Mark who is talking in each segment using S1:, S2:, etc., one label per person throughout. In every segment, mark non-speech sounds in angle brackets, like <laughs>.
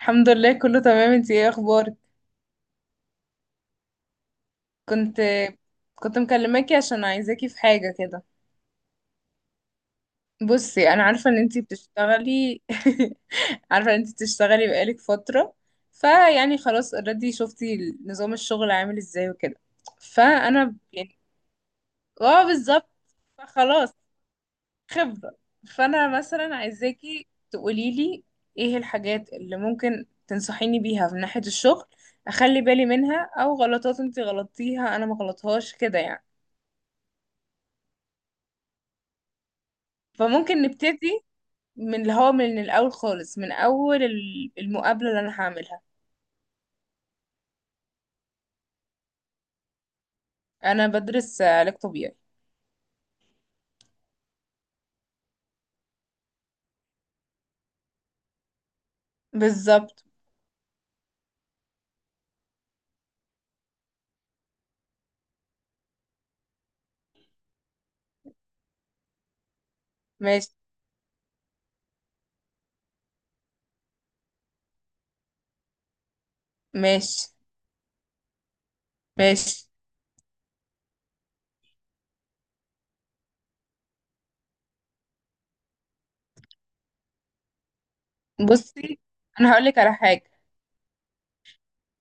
S1: الحمد لله، كله تمام. انتي ايه اخبارك؟ كنت كنت مكلماكي عشان عايزاكي في حاجة كده. بصي، انا عارفة ان انتي بتشتغلي. <laughs> عارفة ان انتي بتشتغلي بقالك فترة، فيعني خلاص، اوريدي شفتي نظام الشغل عامل ازاي وكده. فانا يعني اه بالظبط، فخلاص، خبرة. فأنا مثلا عايزاكي تقوليلي ايه الحاجات اللي ممكن تنصحيني بيها من ناحية الشغل، أخلي بالي منها أو غلطات انتي غلطتيها أنا ما غلطهاش كده يعني. فممكن نبتدي من اللي هو من الأول خالص، من أول المقابلة اللي أنا هعملها. أنا بدرس علاج طبيعي. بالظبط. ماشي. ماشي. ماشي. بصي، أنا هقولك على حاجة.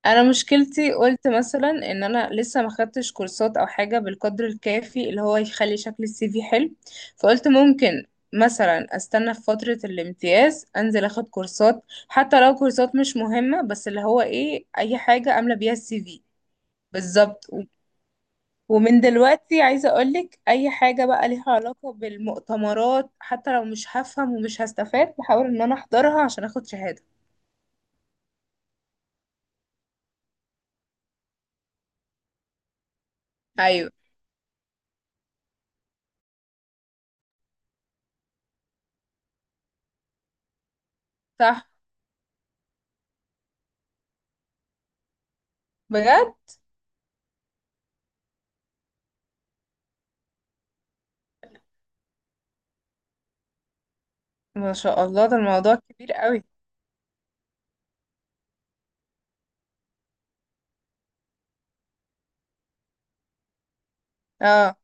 S1: انا مشكلتي، قلت مثلا ان انا لسه ما خدتش كورسات او حاجه بالقدر الكافي اللي هو يخلي شكل السي في حلو. فقلت ممكن مثلا استنى في فتره الامتياز، انزل اخد كورسات حتى لو كورسات مش مهمه، بس اللي هو ايه اي حاجه املى بيها السي في. بالظبط ومن دلوقتي عايزه اقولك اي حاجه بقى ليها علاقه بالمؤتمرات، حتى لو مش هفهم ومش هستفاد، بحاول ان انا احضرها عشان اخد شهاده. ايوه، صح، بجد. ما شاء الله، ده الموضوع كبير قوي. اه.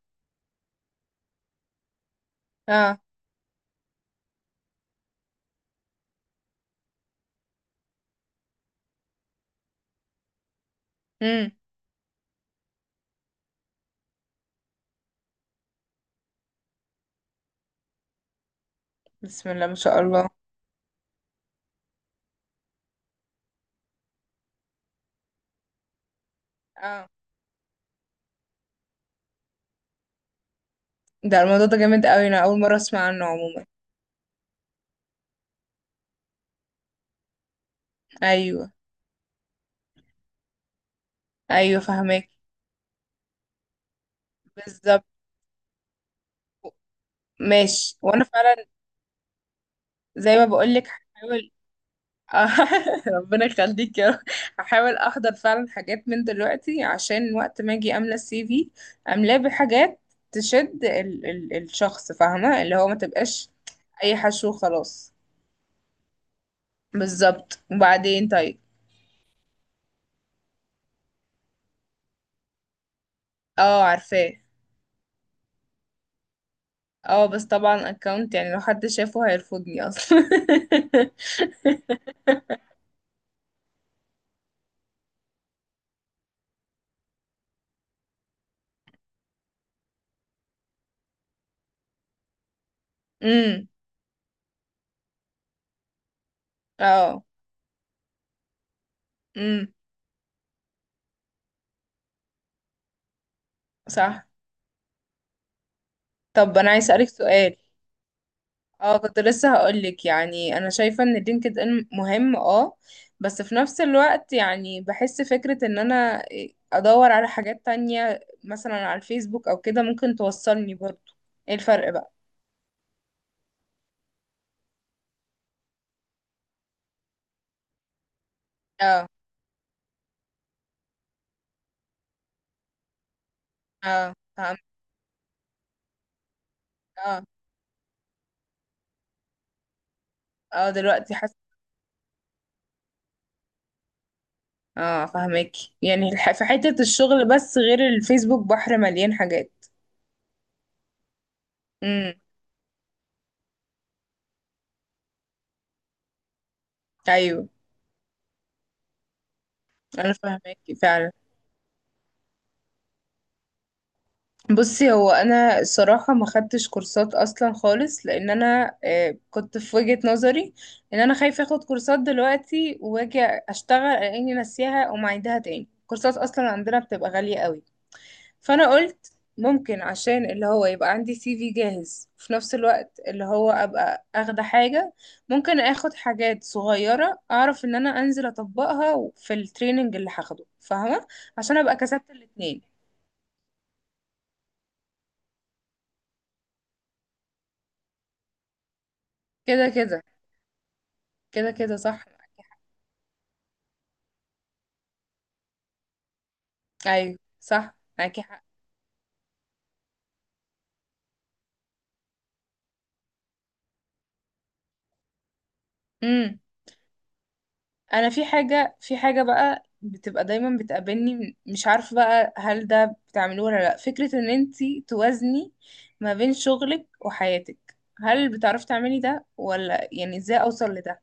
S1: اه. امم. بسم الله ما شاء الله. اه، ده الموضوع ده جامد قوي، انا اول مره اسمع عنه عموما. ايوه. ايوه، فهمك، بالظبط. ماشي، وانا فعلا زي ما بقول لك هحاول. <laughs> آه، ربنا يخليك يا رب. هحاول احضر فعلا حاجات من دلوقتي عشان وقت ما اجي املى السي في، املاه بحاجات تشد ال الشخص، فاهمه؟ اللي هو ما تبقاش اي حشو خلاص. بالظبط. وبعدين طيب، اه، عارفاه. اه، بس طبعا اكونت يعني لو حد شافه هيرفضني اصلا. <laughs> امم. اه. امم. صح. طب انا عايز اسالك سؤال. اه، كنت لسه هقولك يعني انا شايفه ان لينكد ان مهم اه، بس في نفس الوقت يعني بحس فكره ان انا ادور على حاجات تانية مثلا على الفيسبوك او كده ممكن توصلني برضو. ايه الفرق بقى؟ اه. اه، فهمت. اه. اه، دلوقتي. اه، فاهمك. يعني في حتة الشغل، بس غير الفيسبوك بحر مليان حاجات. امم. ايوه، انا فاهمك فعلا. بصي، هو انا الصراحة ما خدتش كورسات اصلا خالص، لان انا آه، كنت في وجهة نظري ان انا خايفة اخد كورسات دلوقتي واجي اشتغل اني ناسيها ومعيدها تاني، كورسات اصلا عندنا بتبقى غالية قوي. فانا قلت ممكن عشان اللي هو يبقى عندي سي في جاهز، وفي نفس الوقت اللي هو ابقى اخده حاجة، ممكن اخد حاجات صغيرة اعرف ان انا انزل اطبقها في التريننج اللي هاخده، فاهمة؟ عشان ابقى كسبت الاتنين. كده كده. كده كده صح معاكي حق. ايوه صح معاكي حق. مم. انا في حاجه في حاجه بقى بتبقى دايما بتقابلني، مش عارفه بقى هل ده بتعملوه ولا لا، فكره ان انتي توازني ما بين شغلك وحياتك. هل بتعرفي تعملي ده ولا يعني ازاي اوصل لده؟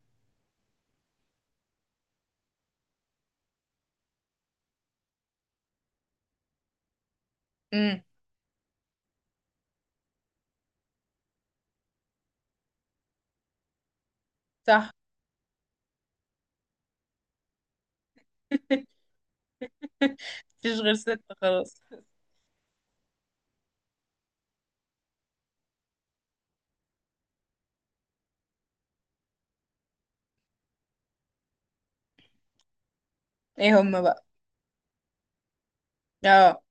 S1: امم. صح. <laughs> مفيش غير ستة خلاص. ايه هما بقى؟ اه،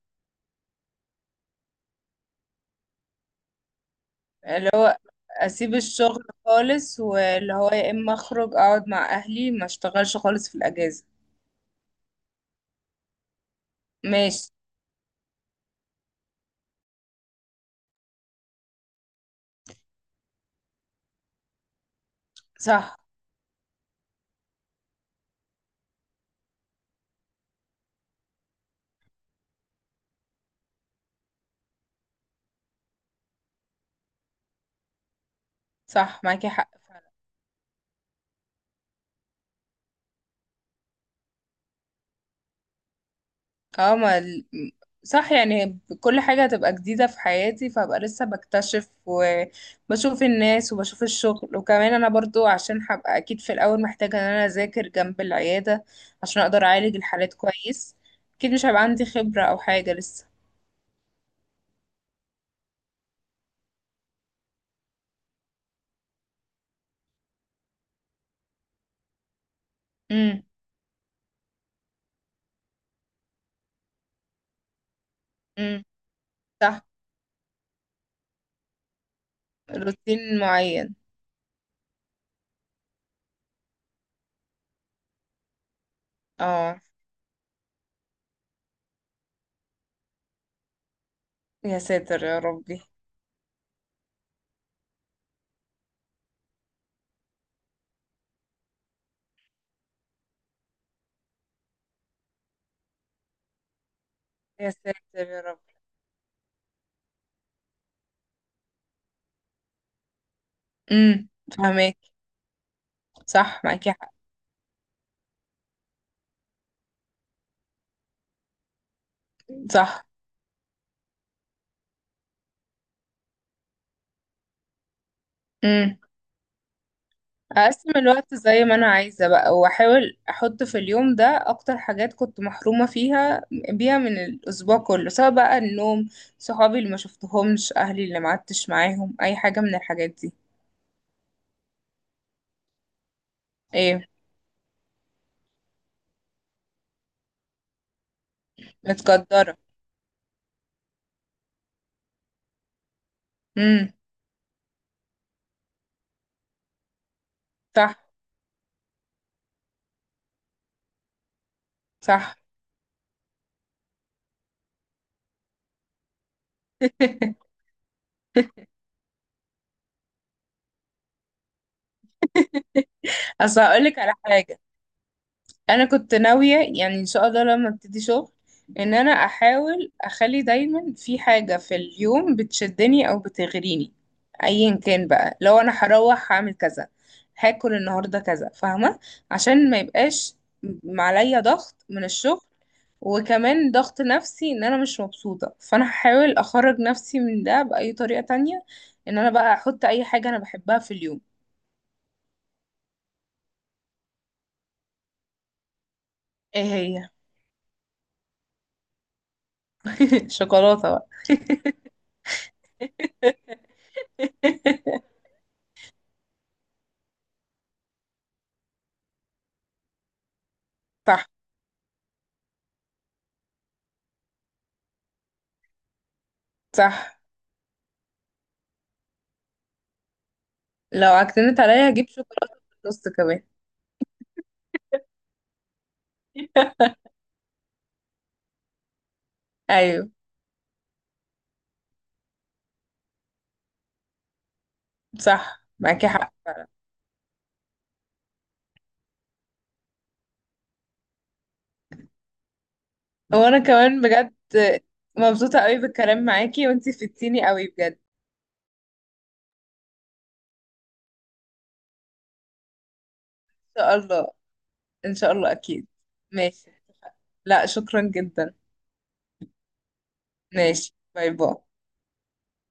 S1: اللي هو اسيب الشغل خالص، واللي هو يا اما اخرج اقعد مع اهلي ما اشتغلش خالص في الاجازه. ماشي. صح. صح معاكي حق. اه ما ال- صح، يعني كل حاجة هتبقى جديدة في حياتي، فهبقى لسه بكتشف وبشوف الناس وبشوف الشغل، وكمان انا برضو عشان هبقى اكيد في الاول محتاجة ان انا اذاكر جنب العيادة عشان اقدر اعالج الحالات كويس. اكيد مش هيبقى عندي خبرة او حاجة لسه. امم. امم. صح. روتين معين. اه. يا ساتر يا ربي. يا ساتر يا رب. امم. فهماك. صح معاكي حق. صح. امم. اقسم الوقت زي ما انا عايزه بقى، واحاول احط في اليوم ده اكتر حاجات كنت محرومه فيها بيها من الاسبوع كله، سواء بقى النوم، صحابي اللي ما شفتهمش، اهلي اللي ما قعدتش معاهم، اي حاجه من الحاجات دي. ايه. متقدره. امم. صح. صح. <laughs> اصل هقولك على حاجه. انا كنت ناويه يعني ان شاء الله لما ابتدي شغل ان انا احاول اخلي دايما في حاجه في اليوم بتشدني او بتغريني، ايا كان بقى، لو انا هروح هعمل كذا، هاكل النهارده كذا، فاهمه؟ عشان ما يبقاش عليا ضغط من الشغل، وكمان ضغط نفسي ان انا مش مبسوطه، فانا هحاول اخرج نفسي من ده باي طريقه تانية، ان انا بقى احط اي حاجه انا بحبها في اليوم. ايه هي؟ <laughs> شوكولاته بقى. <laughs> صح. صح. لو عكننت عليا هجيب شوكولاتة في النص كمان. <laughs> ايوه صح معاكي حق. وانا كمان بجد مبسوطة قوي بالكلام معاكي، وانتي فدتيني قوي بجد. ان شاء الله. ان شاء الله اكيد. ماشي. لا، شكرا جدا. ماشي، باي باي.